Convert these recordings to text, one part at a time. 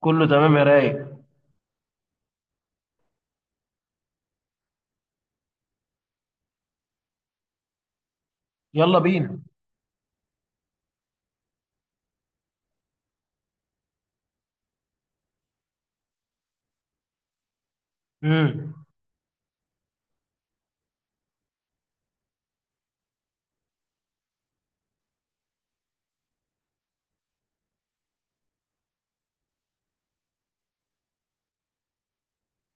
كله تمام يا رايق. يلا بينا. امم.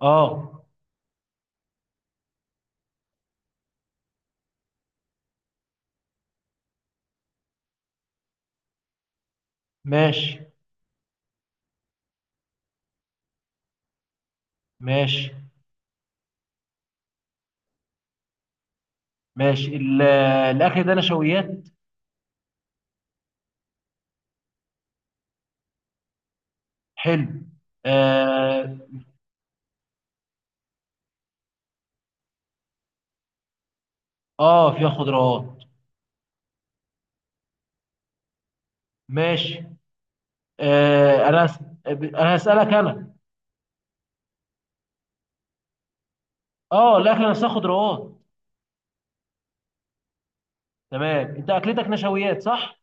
اه. ماشي. ماشي. ماشي. الاكل ده نشويات؟ حلو. اه. اه، فيها خضروات. ماشي. آه، انا هسألك انا. اه، الاكل نفسها خضروات. تمام. انت اكلتك نشويات، صح؟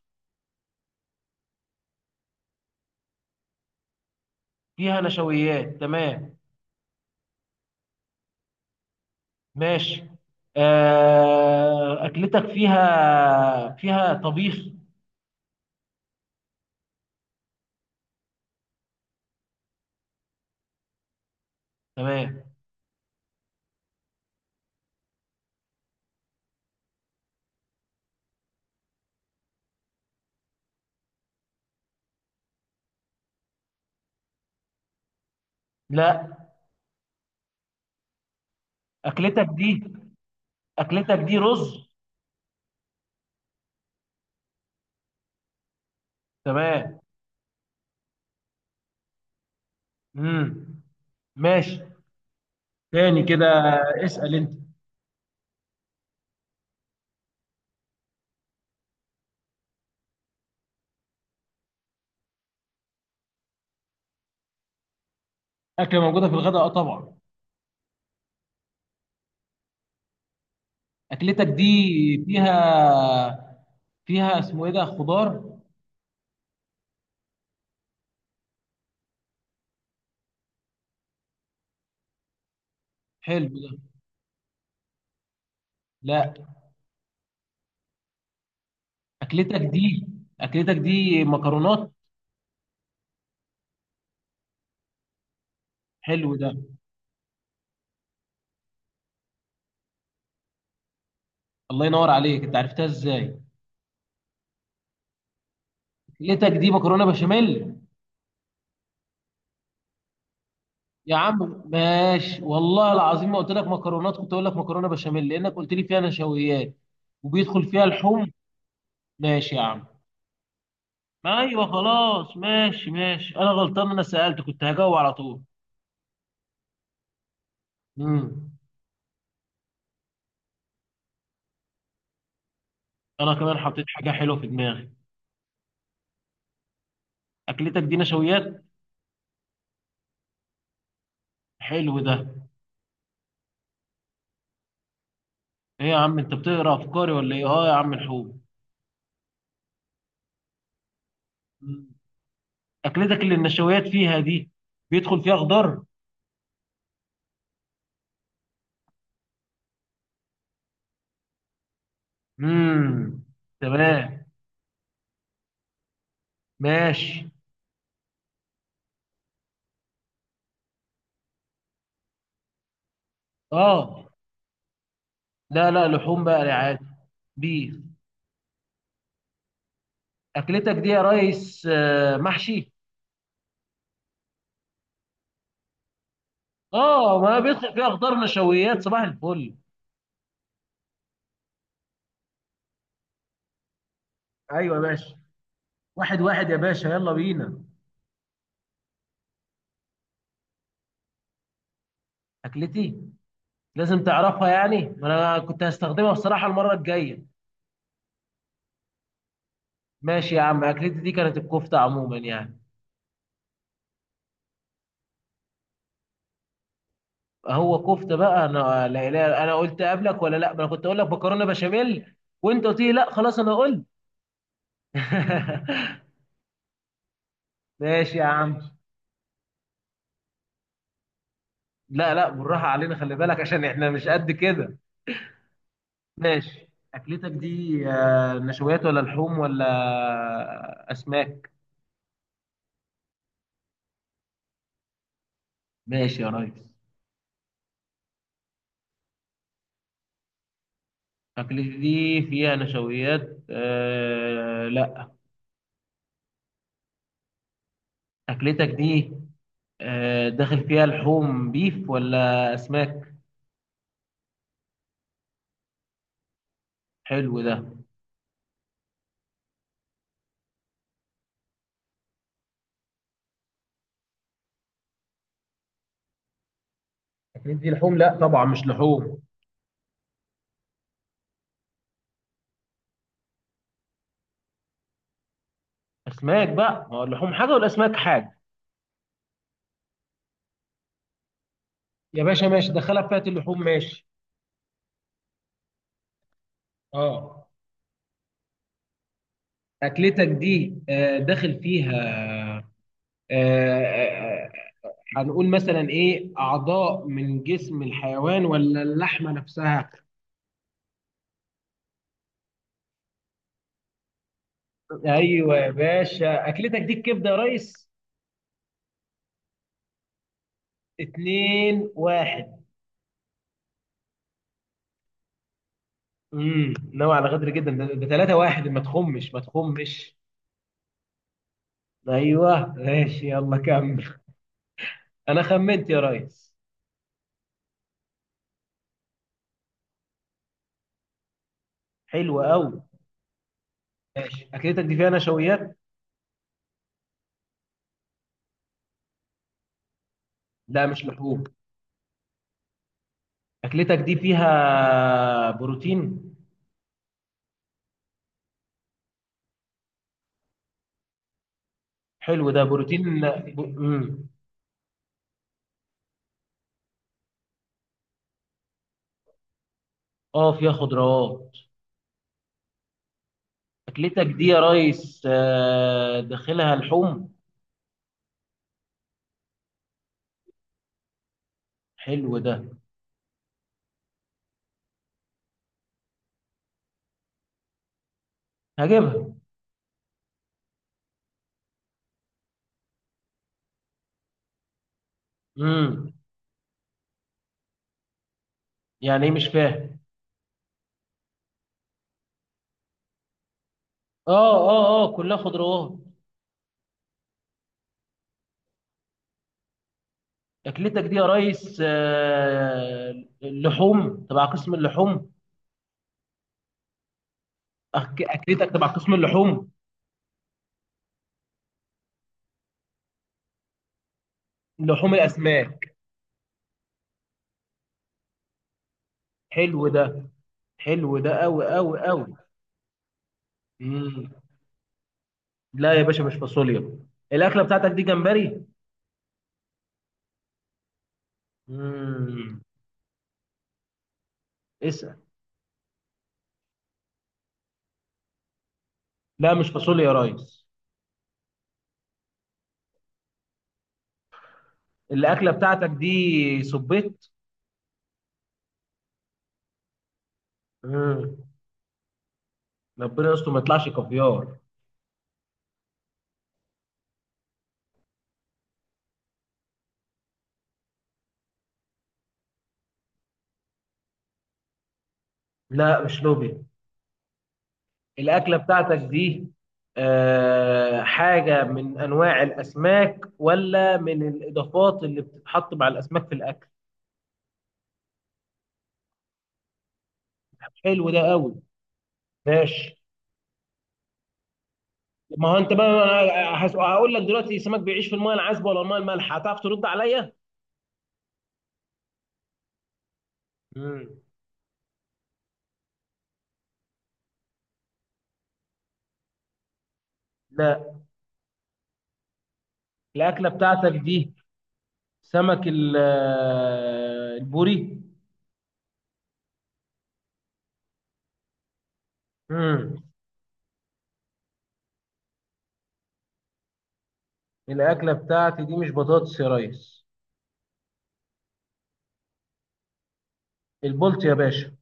فيها نشويات. تمام. ماشي. آه، اكلتك فيها طبيخ؟ تمام. لا. اكلتك دي اكلتك دي رز. تمام. امم. ماشي. تاني كده، اسأل انت. اكله موجوده في الغداء، اه طبعا. اكلتك دي فيها فيها اسمه ايه ده، خضار؟ حلو ده. لا. اكلتك دي اكلتك دي مكرونات. حلو ده. الله ينور عليك، انت عرفتها ازاي؟ اكلتك دي مكرونه بشاميل. يا عم ماشي، والله العظيم ما قلت لك مكرونات، كنت اقول لك مكرونه بشاميل لانك قلت لي فيها نشويات. وبيدخل فيها لحوم. ماشي يا عم. ما ايوه، خلاص، ماشي، ماشي، انا غلطان، انا سألت كنت هجاوب على طول. امم. انا كمان حطيت حاجة حلوة في دماغي. اكلتك دي نشويات؟ حلو ده. ايه يا عم، انت بتقرا افكاري ولا ايه؟ اه يا عم الحوت. مم. اكلتك اللي النشويات فيها دي، بيدخل فيها خضار؟ امم. تمام. ماشي. اه، لا لا، لحوم بقى يا عادي. بيف. اكلتك دي يا ريس، محشي؟ اه، ما بيدخل فيها خضار نشويات، صباح الفل. ايوه ماشي. واحد واحد يا باشا، يلا بينا. أكلتي؟ لازم تعرفها يعني، ما أنا كنت هستخدمها بصراحة المرة الجاية. ماشي يا عم، أكلتي دي كانت الكفتة عموما يعني. هو كفتة بقى؟ أنا، لا لا، أنا قلت قبلك ولا لأ؟ ما أنا كنت أقول لك مكرونة بشاميل وأنت قلت لي لأ خلاص أنا قلت. ماشي يا عم. لا لا، بالراحة علينا، خلي بالك عشان إحنا مش قد كده. ماشي. أكلتك دي نشويات ولا لحوم ولا أسماك؟ ماشي يا ريس. أكلتي دي فيها نشويات؟ لا. أكلتك دي داخل فيها لحوم بيف ولا أسماك؟ حلو ده. اكلتي دي لحوم؟ لا طبعا مش لحوم. أسماك بقى، ما هو اللحوم حاجة والأسماك حاجة. يا باشا ماشي، دخلها في فئه اللحوم، ماشي. اه. أكلتك دي داخل فيها، آه آه، آه، هنقول مثلا إيه، أعضاء من جسم الحيوان ولا اللحمة نفسها؟ ايوه يا باشا، اكلتك دي الكبده يا ريس؟ 2-1. امم، نوع على غدر جدا ده. ده 3-1، ما تخمش، ما تخمش. ايوه ماشي، يلا كمل. انا خمنت يا ريس. حلو قوي. ماشي. اكلتك دي فيها نشويات؟ لا مش لحوم. اكلتك دي فيها بروتين؟ حلو ده، بروتين. امم. اه، فيها خضروات. اكلتك دي يا ريس، داخلها لحوم؟ حلو ده. هجيبها. امم. يعني ايه؟ مش فاهم. اه، اه، اه، كلها خضروات. اكلتك دي يا ريس، اللحوم تبع قسم اللحوم؟ اكلتك تبع قسم اللحوم. لحوم الاسماك. حلو ده. حلو ده قوي قوي قوي. مم. لا يا باشا، مش فاصوليا. الاكله بتاعتك دي جمبري؟ مم. اسال. لا، مش فاصوليا يا ريس. الاكله بتاعتك دي صبيت؟ مم. ربنا يستر ما يطلعش كافيار. لا، مش لوبيا. الأكلة بتاعتك دي حاجة من أنواع الأسماك ولا من الإضافات اللي بتتحط مع الأسماك في الأكل؟ حلو ده قوي. ماشي. ما هو أنت بقى، أنا هقول لك دلوقتي، السمك بيعيش في المايه العذبة ولا المايه المالحة، هتعرف ترد عليا؟ مم. لا. الأكلة بتاعتك دي سمك البوري؟ مم. الأكلة بتاعتي دي مش بطاطس يا ريس. البولت يا باشا.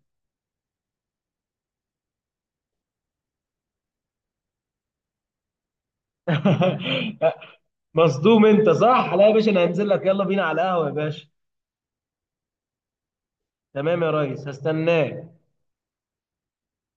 مصدوم انت، صح؟ لا يا باشا، انا هنزل لك، يلا بينا على القهوه يا باشا. تمام يا ريس، هستناك.